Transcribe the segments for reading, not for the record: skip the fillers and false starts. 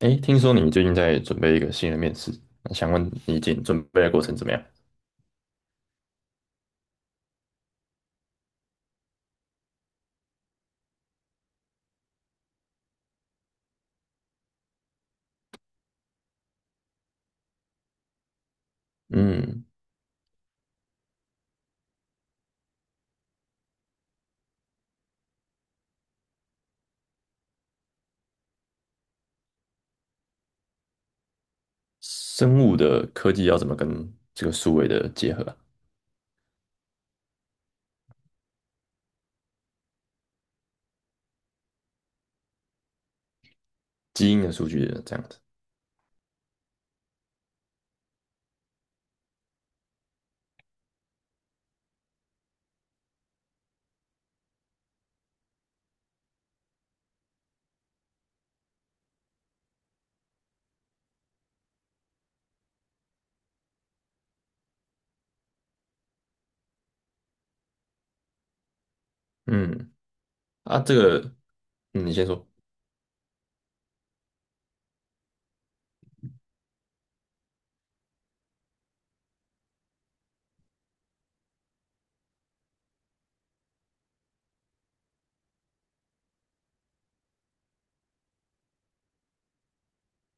哎，听说你最近在准备一个新的面试，那想问你已经准备的过程怎么样？嗯，生物的科技要怎么跟这个数位的结合啊？基因的数据的这样子。嗯，啊，这个，嗯，你先说。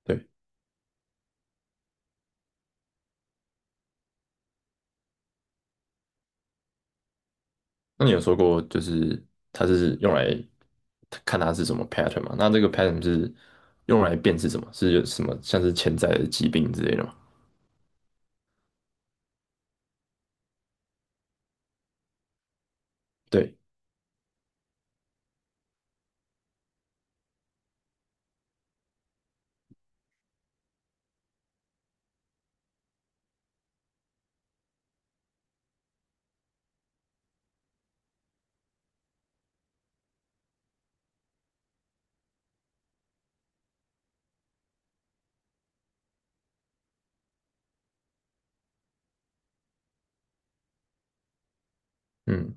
对，那你有说过就是它是用来看它是什么 pattern 吗？那这个 pattern 是用来辨识什么？是有什么像是潜在的疾病之类的吗？对，嗯，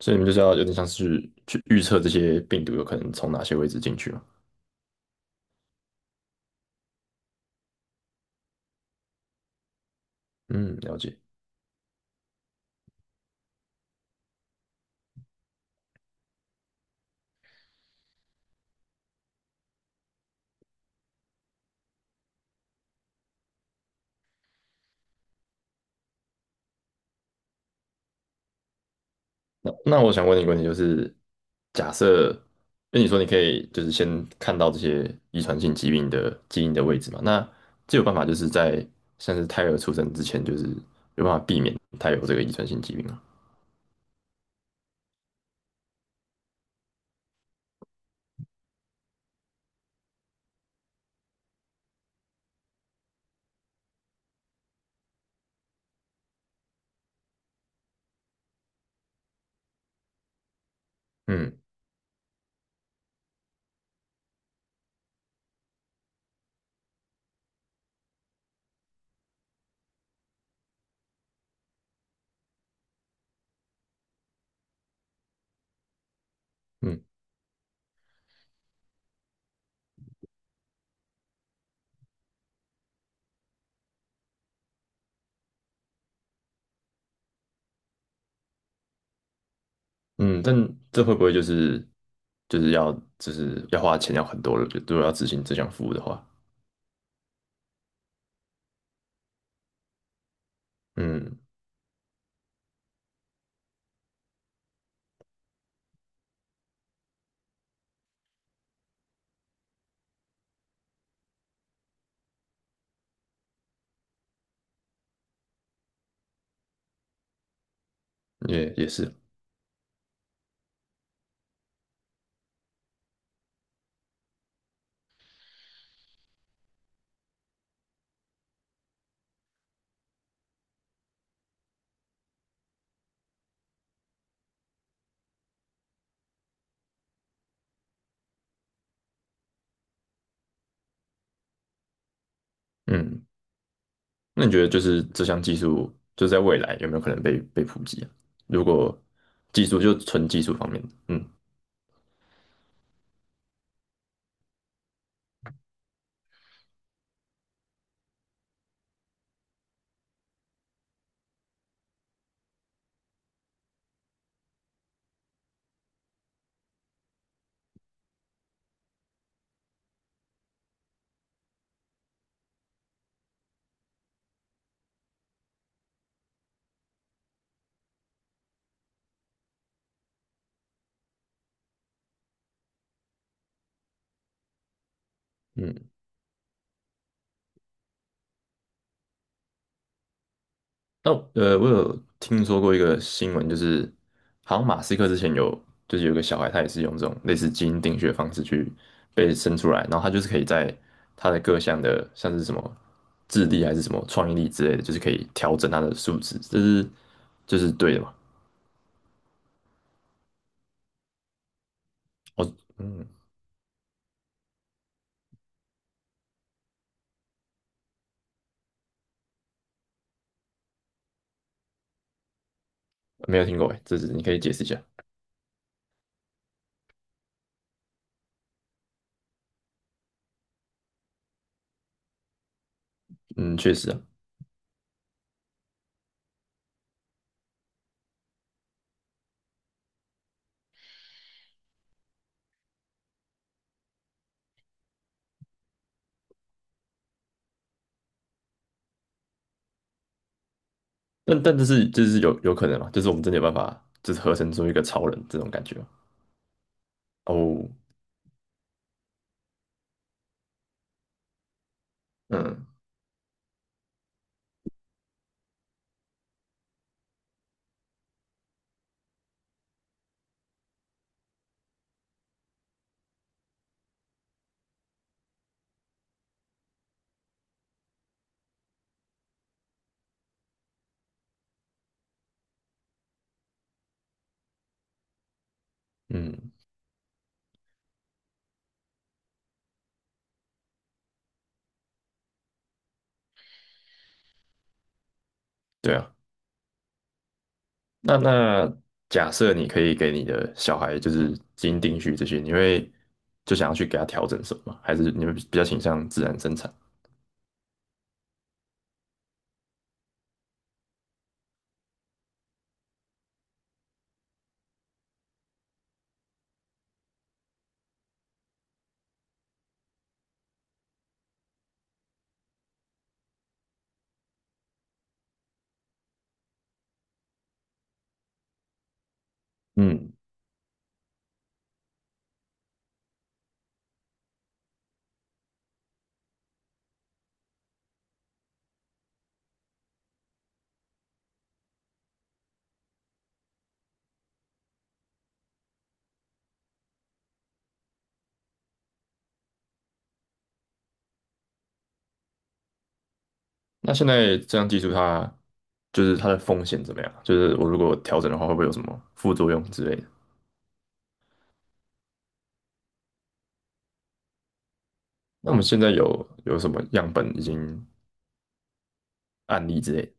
所以你们就是要有点像是去预测这些病毒有可能从哪些位置进去嘛？嗯，了解。那我想问你一个问题，就是假设，因为你说你可以就是先看到这些遗传性疾病的基因的位置嘛，那就有办法就是在像是胎儿出生之前，就是有办法避免他有这个遗传性疾病吗？嗯嗯嗯，但这会不会就是就是要就是要花钱要很多了？就如果要执行这项服务的话，嗯，也是，嗯那你觉得就是这项技术，就在未来有没有可能被普及啊？如果技术就纯技术方面，嗯嗯，那我有听说过一个新闻，就是好像马斯克之前有就是有一个小孩，他也是用这种类似基因定序的方式去被生出来，然后他就是可以在他的各项的像是什么智力还是什么创意力之类的，就是可以调整他的素质，这是对的嘛？哦，嗯，没有听过哎，这是你可以解释一下。嗯，确实啊。但这是就是有可能嘛，就是我们真的有办法，就是合成出一个超人这种感觉吗？哦，嗯嗯，对啊。那假设你可以给你的小孩就是基因定序这些，你会就想要去给他调整什么吗还是你会比较倾向自然生产？嗯，那现在这样技术它就是它的风险怎么样？就是我如果调整的话，会不会有什么副作用之类的？那我们现在有什么样本已经案例之类的？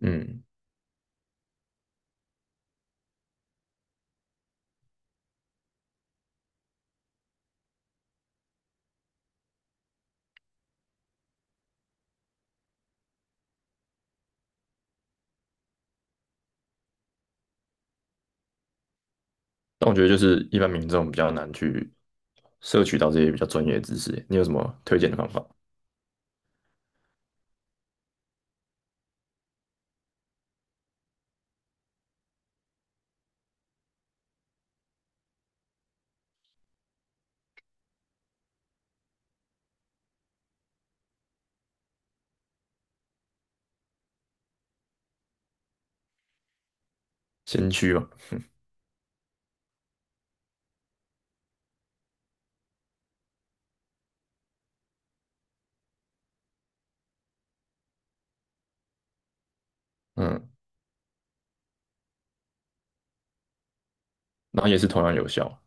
嗯。但我觉得就是一般民众比较难去摄取到这些比较专业的知识。你有什么推荐的方法？先驱嘛，嗯，然后也是同样有效。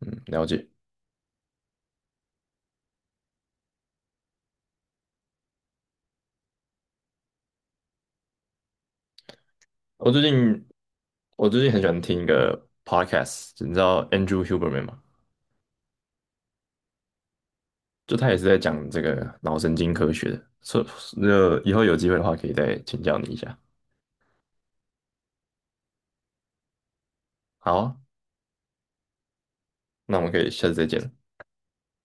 嗯，了解。我最近我最近很喜欢听一个 podcast，你知道 Andrew Huberman 吗？就他也是在讲这个脑神经科学的，所以那以后有机会的话可以再请教你一下。好啊，那我们可以下次再见了。